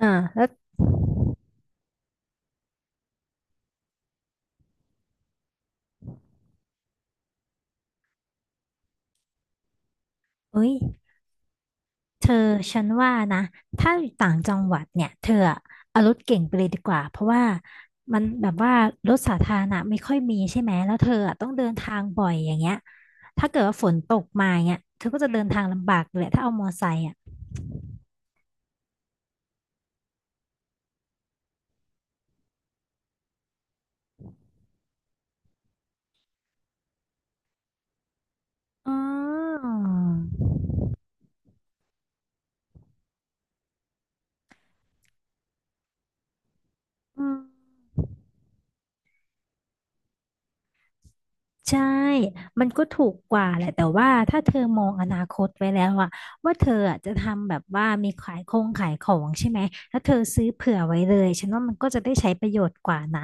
อ่าแล้วเอ้ยเธอฉันว่านะถ้าอยู่ต่างจังหวัดเนี่ยเธออะเอารถเก่งไปเลยดีกว่าเพราะว่ามันแบบว่ารถสาธารณะไม่ค่อยมีใช่ไหมแล้วเธออะต้องเดินทางบ่อยอย่างเงี้ยถ้าเกิดว่าฝนตกมาเนี่ยเธอก็จะเดินทางลำบากเลยถ้าเอามอไซค์อ่ะอ๋ออืม ใช่มันก็ถูกกว่าแหละแต่ว่าถ้าเธอมองอนาคตไว้แล้วอะว่าเธออะจะทำแบบว่ามีขายคงขายของใช่ไหมถ้าเธอซื้อเผื่อไว้เลยฉันว่ามันก็จะได้ใช้ประโยชน์กว่านะ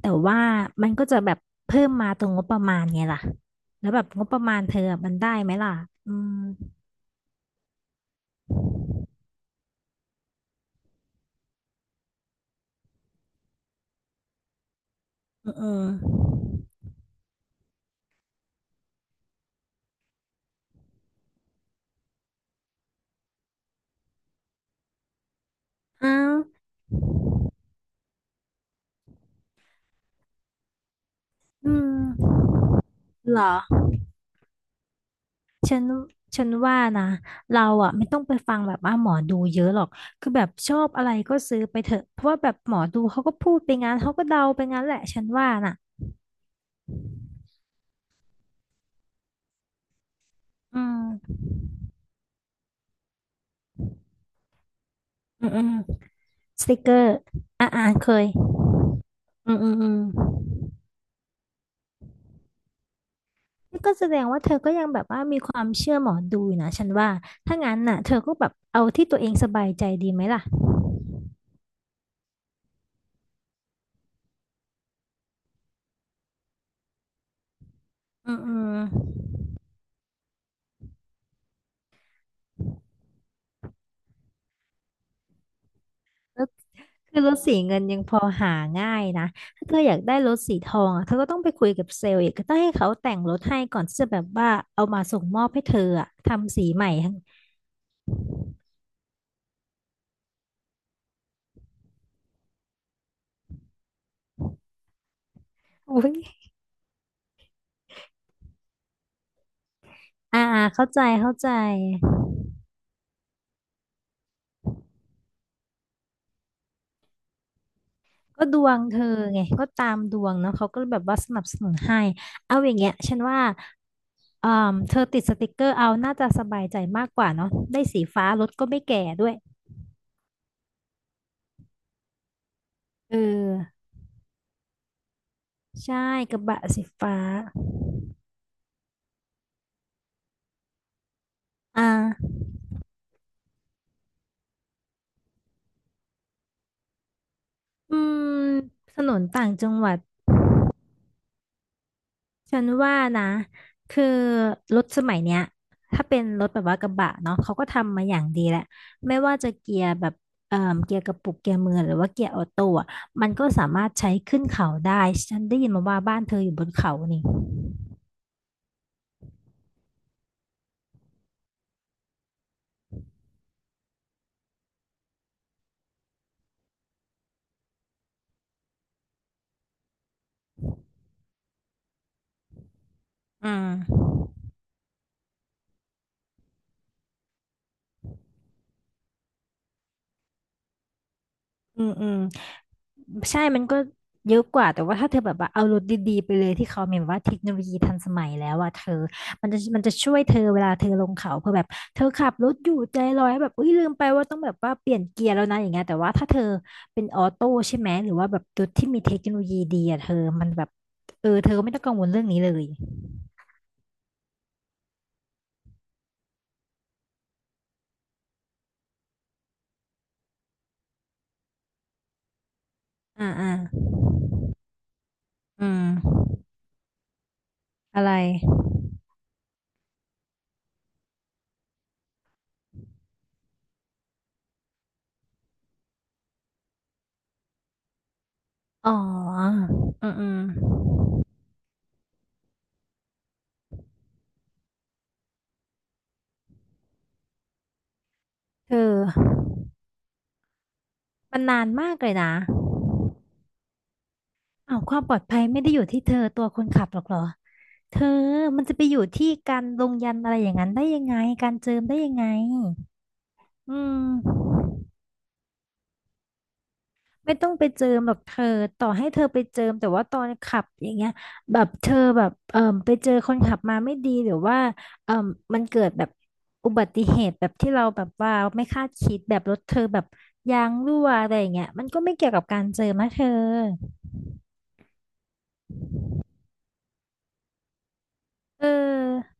แต่ว่ามันก็จะแบบเพิ่มมาตรงงบประมาณไงล่ะแล้วแบบงบประมาณเธออะมันได้ไหมล่ะอืมอืมอมอ้าวอืมเหรอ ฉันฉันว่านะเราอ่ะไม่ต้องไปฟังแบบว่าหมอดูเยอะหรอกคือแบบชอบอะไรก็ซื้อไปเถอะเพราะว่าแบบหมอดูเขาก็พูดไปงั้นเขาก็เดาไปงั้นแหละฉันว่าน่ะอืมอืมอืมสติกเกอร์อ่าอ่าเคยอืมอืมอืมนี่ก็แสดงว่าเธอก็ยังแบบว่ามีความเชื่อหมอดูอยู่นะฉันว่าถ้างั้นน่ะเธอก็แบบเอาที่ตัวเองสบายใจดีไหมล่ะอืมอืม คือรถสีเงินยังพอหาง่ายนะ ถ้าเธออยากได้รถสีทองอะเธอก็ต้องไปคุยกับเซลล์อีกก็ต้องให้เขาแต่งรถให้ก่อนที่จะแบบว่าเอามาส่งมอบให้เธออะทำสีใหม่ทั้งอุ้ยอ่าเข้าใจเข้าใจก็ดวงเธอไงก็ตามดวงเนาะเขาก็แบบว่าสนับสนุนให้เอาอย่างเงี้ยฉันว่าเธอติดสติกเกอร์เอาน่าจะสบายใจมากกว่าเนาะได้สีฟ้ารถก็ไม่แก่ด้วยเออใช่กระบะสีฟ้าอ่าอืมถนนต่างจังหวัด ฉันว่านะ คือรถสมัยเนี้ยถ้าเป็นรถแบบว่ากระบะเนาะเขาก็ทำมาอย่างดีแหละ ไม่ว่าจะเกียร์แบบเอ่อเกียร์กระปุกเกียร์มือหรือว่าเกียร์ออโต้อะมันก็สามารถใช้ขึ้นเขาได้ ฉันได้ยินมาว่าบ้านเธออยู่บนเขานี่ อืมอืมอืม ใช่มันก็เยอะกว่า แต่ว่าถ้าเธอแบบว่าเอารถดีๆไปเลยที่เขามีแบบว่าเทคโนโลยีทันสมัยแล้วอะเธอมันจะช่วยเธอเวลาเธอลงเขาเพื่อแบบเธอขับรถอยู่ใจลอยแบบอุ้ยลืมไปว่าต้องแบบว่าเปลี่ยนเกียร์แล้วนะอย่างเงี้ยแต่ว่าถ้าเธอเป็นออโต้ใช่ไหมหรือว่าแบบรถที่มีเทคโนโลยีดีอะเธอมันแบบเออเธอไม่ต้องกังวลเรื่องนี้เลยอ่าอ่าอืมอะไรอ๋ออืมอืมเธอมันนานมากเลยนะ เอาวความปลอดภัยไม่ได้อยู่ที่เธอตัวคนขับหรอกเหรอเธอมันจะไปอยู่ที่การลงยันต์อะไรอย่างนั้นได้ยังไงการเจิมได้ยังไงอืมไม่ต้องไปเจิมหรอกเธอต่อให้เธอไปเจิมแต่ว่าตอนขับอย่างเงี้ยแบบเธอแบบไปเจอคนขับมาไม่ดีหรือว่าเอ่อมันเกิดแบบอุบัติเหตุแบบที่เราแบบว่าไม่คาดคิดแบบรถเธอแบบยางรั่วอะไรอย่างเงี้ยมันก็ไม่เกี่ยวกับการเจิมนะเธอเออ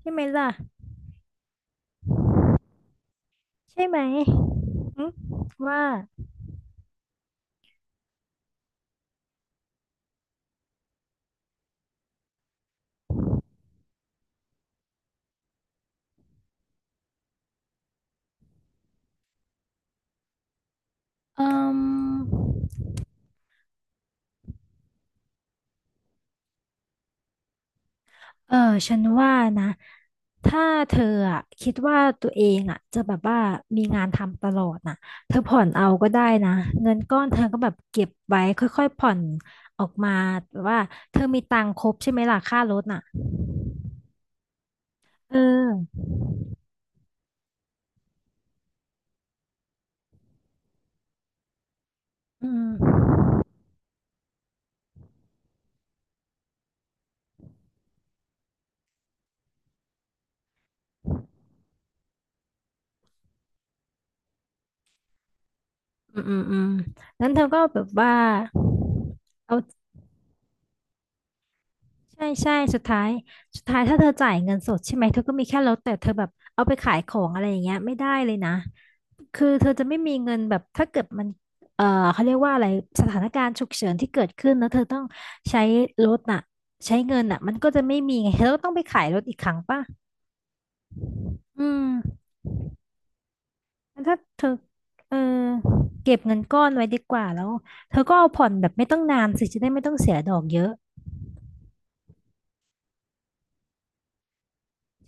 ใช่ไหมล่ะ ใช่ไหมหึว่าเอืมเออฉันว่านะถ้าเธออะคิดว่าตัวเองอะจะแบบว่ามีงานทำตลอดน่ะเธอผ่อนเอาก็ได้นะเงินก้อนเธอก็แบบเก็บไว้ค่อยๆผ่อนออกมาแบบว่าเธอมีตังค์ครบใช่ไหมล่ะค่ารถน่ะเอออืมอืมอืมอืมนั้นเธอก็แบบว่า ใช่ใช่สุดท้ายสุดท้ายถ้าเธอจ่ายเงินสดใช่ไหมเธอก็มีแค่ลดแต่เธอแบบเอาไปขายของอะไรอย่างเงี้ยไม่ได้เลยนะคือเธอจะไม่มีเงินแบบถ้าเกิดมันเอ่อเขาเรียกว่าอะไรสถานการณ์ฉุกเฉินที่เกิดขึ้นแล้วเธอต้องใช้รถน่ะใช้เงินน่ะมันก็จะไม่มีไงเธอก็ต้องไปขายรถอีกครั้งป่ะอืมงั้นถ้าเธอเออเก็บเงินก้อนไว้ดีกว่าแล้วเธอก็เอาผ่อนแบบไม่ต้องนานสิจะได้ไม่ต้องเสียดอกเยอะ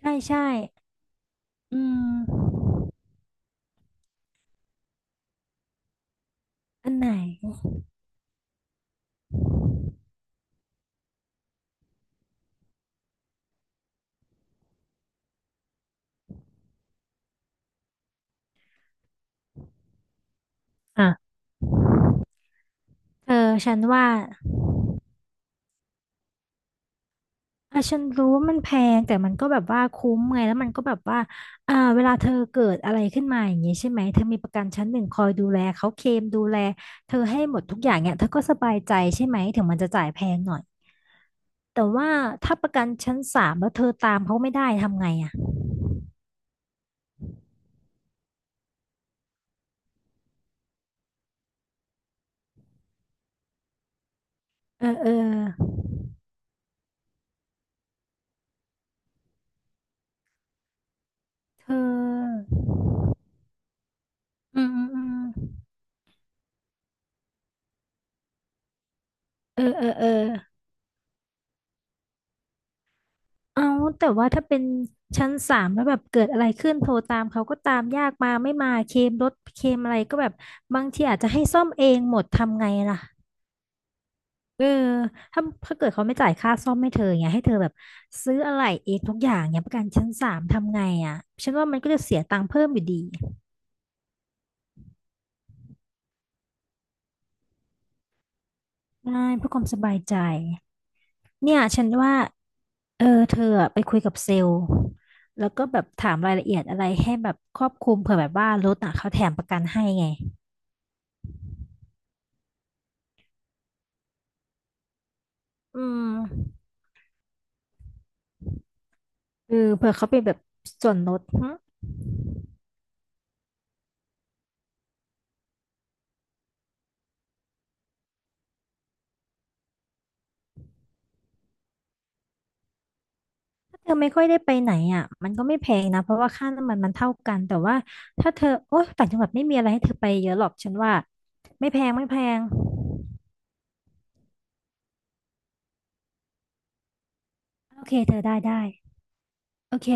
ใช่ใช่อืมอันไหนอ่ะ เออฉันว่าอ่ะฉันรู้ว่ามันแพงแต่มันก็แบบว่าคุ้มไงแล้วมันก็แบบว่าอ่าเวลาเธอเกิดอะไรขึ้นมาอย่างนี้ใช่ไหมเธอมีประกันชั้นหนึ่งคอยดูแลเขาเคลมดูแลเธอให้หมดทุกอย่างเนี่ยเธอก็สบายใจใช่ไหมถึงมันจะจ่ายแพงหน่อยแต่ว่าถ้าประกันชั้นสามแล้วเธอตามเขาไม่ได้ทำไงอ่ะเออเออเธออืมอืมอืมเออเออเออ เอาแต่ว่าถ้าเป็นชั้นสามแล้วแบบเกิดอะไรขึ้นโทรตามเขาก็ตามยากมาไม่มาเคลมรถเคลมอะไรก็แบบบางทีอาจจะให้ซ่อมเองหมดทำไงล่ะเออถ้าถ้าเกิดเขาไม่จ่ายค่าซ่อมให้เธออย่างเงี้ยให้เธอแบบซื้ออะไรเองทุกอย่างเนี้ยประกันชั้นสามทำไงอ่ะฉันว่ามันก็จะเสียตังค์เพิ่มอยู่ดีใช่เพื่อความสบายใจเนี่ยฉันว่าเออเธออะไปคุยกับเซลล์แล้วก็แบบถามรายละเอียดอะไรให้แบบครอบคลุมเผื่อแบบว่ารถอ่ะเขาแถมประกันให้ไง อืมเออเผื่อเขาเป็นแบบส่วนลดหึถ้าเธอไม่ค่อยได้ไปไหนอ่ะมันก็ไม่แพงนะเพราะว่าค่าน้ำมันมันเท่ากันแต่ว่าถ้าเธอโอ๊ยต่างจังหวัดไม่มีอะไรให้เธอไปเยอะหรอกฉันว่าไม่แพงไม่แพงโอเคเธอได้ได้โอเค